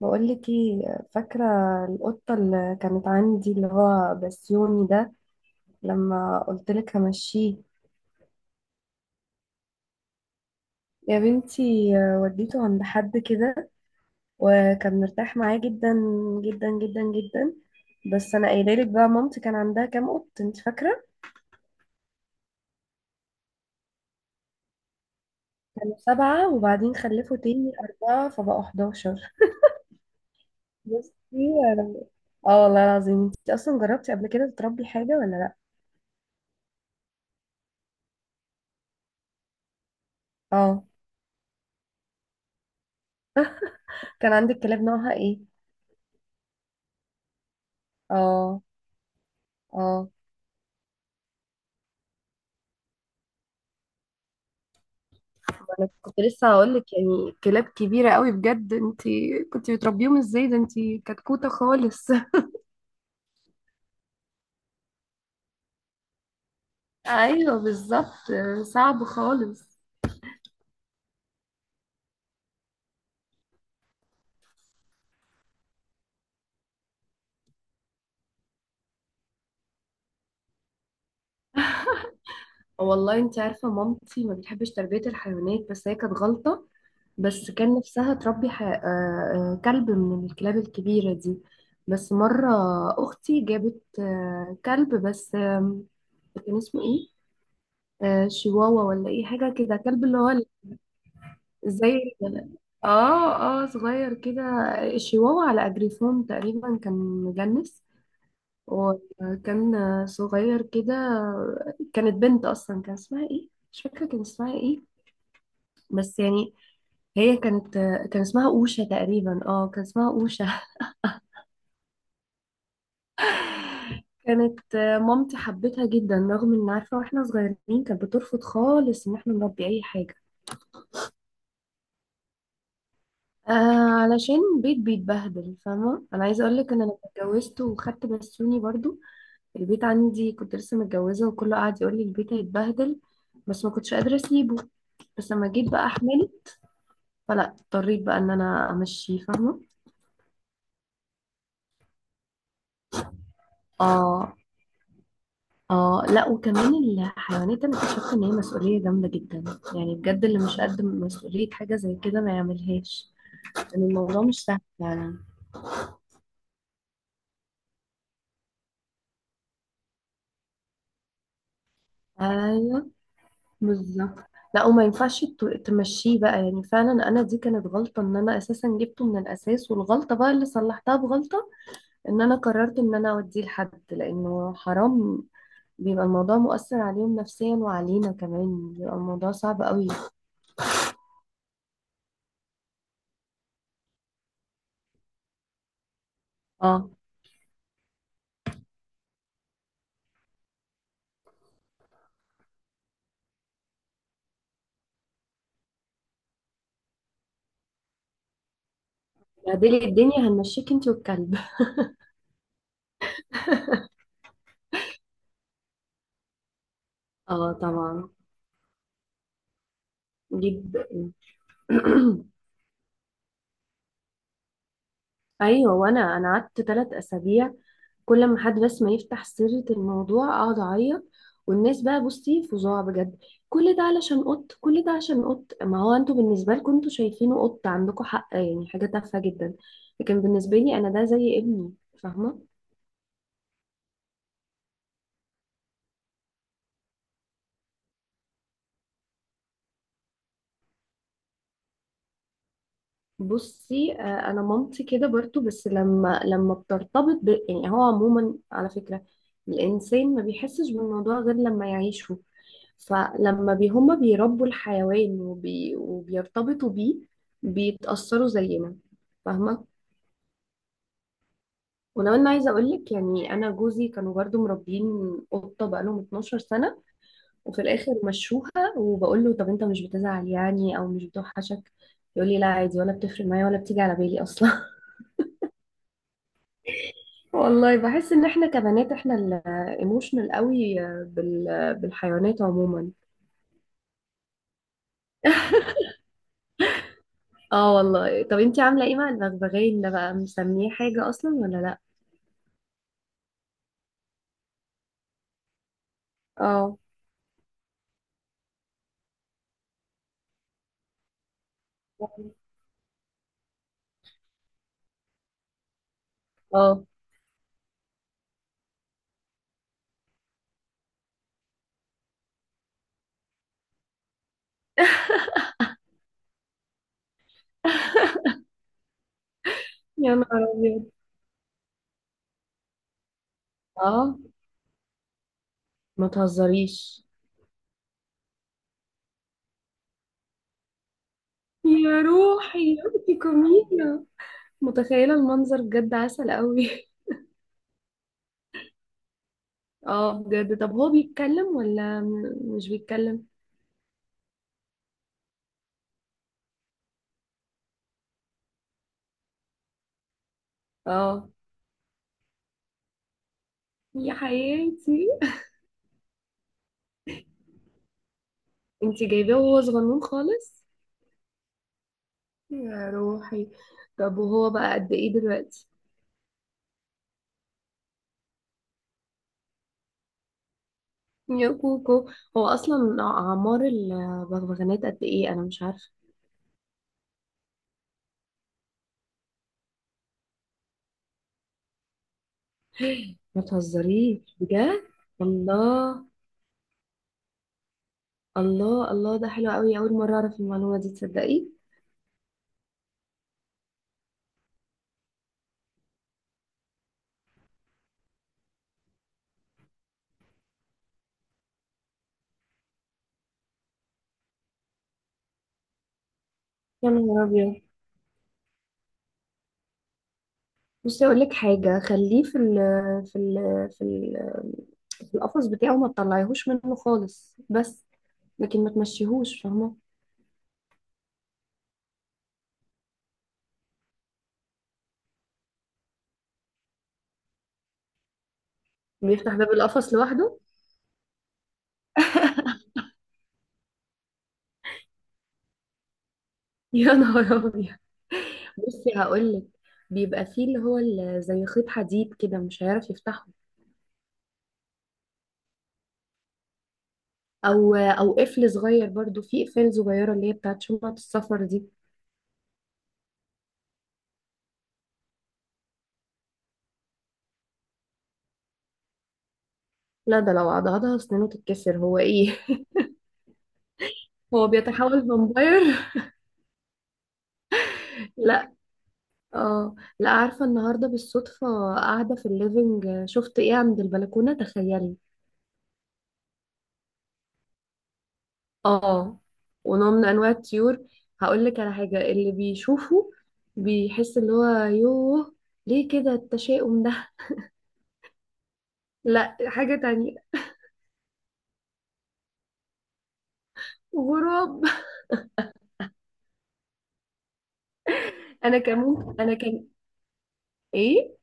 بقول لك ايه فاكره القطه اللي كانت عندي اللي هو بسيوني ده؟ لما قلت لك همشيه. يا بنتي وديته عند حد كده وكان مرتاح معاه جدا، جدا جدا جدا. بس انا قايله لك بقى مامتي كان عندها كام قط انت فاكره؟ كانوا 7 وبعدين خلفوا تاني 4 فبقوا 11. بصي. أنا- اه والله العظيم انت اصلا جربتي قبل كده تربي حاجه ولا لا؟ اه، كان عندك كلاب نوعها ايه؟ اه. اه، انا كنت لسه هقول لك يعني كلاب كبيره قوي، بجد انت كنت بتربيهم ازاي؟ ده انت كتكوته خالص. ايوه بالظبط، صعب خالص. والله انت عارفه مامتي ما بتحبش تربيه الحيوانات، بس هي كانت غلطه. بس كان نفسها تربي ح... آه، آه، كلب من الكلاب الكبيره دي. بس مره اختي جابت كلب، بس كان اسمه ايه؟ شيواوا ولا ايه، حاجه كده، كلب اللي هو زي ال- اه صغير كده. الشيواوا على اجريفون تقريبا كان مجنس. وكان صغير كده. كانت بنت اصلا، كان اسمها ايه؟ مش فاكره كان اسمها ايه. بس يعني هي كانت كان اسمها اوشا تقريبا، اه كان اسمها اوشا. كانت مامتي حبتها جدا، رغم ان عارفه واحنا صغيرين كانت بترفض خالص ان احنا نربي اي حاجه. آه. علشان بيتبهدل. فاهمه؟ انا عايزه اقول لك ان انا اتجوزت وخدت بسوني برضو. البيت عندي كنت لسه متجوزة، وكله قاعد يقول لي البيت هيتبهدل، بس ما كنتش قادرة اسيبه. بس لما جيت بقى احمله، فلا اضطريت بقى ان انا امشيه. فاهمة؟ اه. اه لا، وكمان الحيوانات انا اكتشفت ان هي مسؤولية جامدة جدا. يعني بجد اللي مش قد مسؤولية حاجة زي كده ما يعملهاش، لان الموضوع مش سهل فعلا. ايوه بالظبط. لا وما ينفعش تمشيه بقى. يعني فعلا انا دي كانت غلطة ان انا اساسا جبته من الاساس، والغلطة بقى اللي صلحتها بغلطة ان انا قررت ان انا اوديه لحد، لانه حرام. بيبقى الموضوع مؤثر عليهم نفسيا، وعلينا كمان بيبقى الموضوع صعب قوي. اه بعدين الدنيا هنمشيك انت والكلب. اه طبعا، جدا. ايوه، وانا قعدت 3 اسابيع كل ما حد بس ما يفتح سيرة الموضوع اقعد اعيط. والناس بقى، بصي، فظاع بجد. كل ده علشان قط، كل ده عشان قط. ما هو انتوا بالنسبة لكم انتوا شايفينه قط، عندكم حق يعني، حاجة تافهة جدا. لكن بالنسبة لي انا ده زي ابني. فاهمة؟ بصي، انا مامتي كده برضو، بس لما بترتبط يعني هو عموما على فكرة الانسان ما بيحسش بالموضوع غير لما يعيشه. فلما هما بيربوا الحيوان وبيرتبطوا بيه، بيتأثروا زينا. فاهمة؟ ولو انا عايزة اقولك، يعني انا جوزي كانوا برضو مربيين قطة بقالهم 12 سنة وفي الاخر مشوها. وبقول له طب انت مش بتزعل يعني، او مش بتوحشك؟ يقول لي لا عادي، ولا بتفرق معايا، ولا بتيجي على بالي اصلا. والله بحس ان احنا كبنات احنا الايموشنال قوي بالحيوانات عموما. اه والله، طب انتي عاملة ايه مع البغبغان ده بقى؟ مسميه حاجة اصلا ولا لا؟ اه. اه. يا نهار أبيض! اه، ما تهزريش. يا روحي يا بنتي كمينة. متخيلة المنظر بجد، عسل قوي. اه بجد. طب هو بيتكلم ولا مش بيتكلم؟ اه. يا حياتي. انتي جايباه وهو صغنون خالص؟ يا روحي. طب وهو بقى قد ايه دلوقتي؟ يا كوكو. هو اصلا اعمار البغبغانات قد ايه، انا مش عارفة. ما تهزريش بجد. الله. الله الله، ده حلو قوي، اول مره اعرف المعلومه دي، تصدقي؟ يا نهار ابيض. بصي اقول لك حاجه، خليه في ال في ال في ال في القفص بتاعه، ما تطلعيهوش منه خالص. بس لكن ما تمشيهوش. فاهمه؟ بيفتح باب القفص لوحده؟ يا نهار ابيض. بصي هقول لك، بيبقى فيه اللي هو زي خيط حديد كده مش هيعرف يفتحه. او قفل صغير برضو، في قفل صغيره اللي هي بتاعت شنطه السفر دي. لا ده لو عضعضها سنانه تتكسر، هو ايه؟ هو بيتحول فامباير؟ لا. اه لا، عارفة النهاردة بالصدفة قاعدة في الليفينج شفت ايه عند البلكونة، تخيلي؟ اه، ونوع من انواع الطيور. هقول لك على حاجة اللي بيشوفه بيحس اللي هو يوه، ليه كده التشاؤم ده؟ لا، حاجة تانية. غراب. انا كان ممكن انا كان ايه.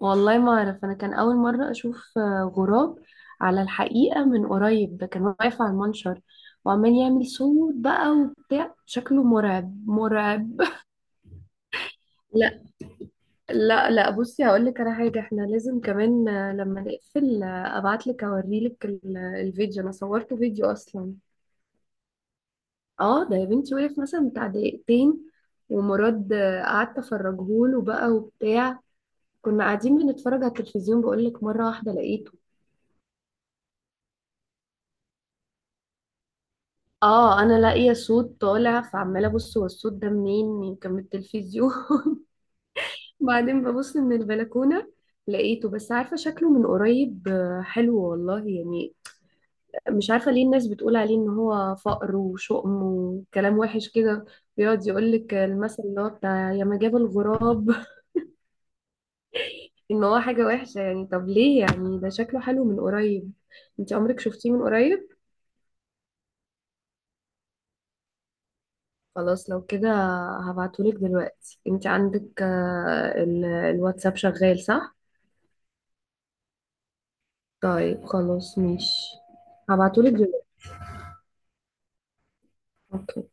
والله ما اعرف، انا كان اول مره اشوف غراب على الحقيقه من قريب. ده كان واقف على المنشر وعمال يعمل صوت بقى وبتاع، شكله مرعب مرعب. لا لا لا، بصي هقول لك على حاجه، احنا لازم كمان لما نقفل ابعت لك اوري لك الفيديو، انا صورته فيديو اصلا. اه ده يا بنتي وقف مثلا بتاع دقيقتين، ومراد قعدت افرجهوله بقى وبتاع. كنا قاعدين بنتفرج على التلفزيون، بقول لك مره واحده لقيته. اه انا لاقيه صوت طالع، فعماله ابص هو الصوت ده منين، يمكن من التلفزيون. بعدين ببص من البلكونه لقيته. بس عارفه شكله من قريب حلو والله يعني، مش عارفه ليه الناس بتقول عليه ان هو فقر وشؤم وكلام وحش كده. بيقعد يقول لك المثل اللي هو بتاع يا ما جاب الغراب. ان هو حاجه وحشه يعني، طب ليه يعني؟ ده شكله حلو من قريب. انت عمرك شفتيه من قريب؟ خلاص لو كده هبعتهولك دلوقتي. انت عندك الواتساب شغال صح؟ طيب خلاص ماشي، هبعتهولك دلوقتي. اوكي.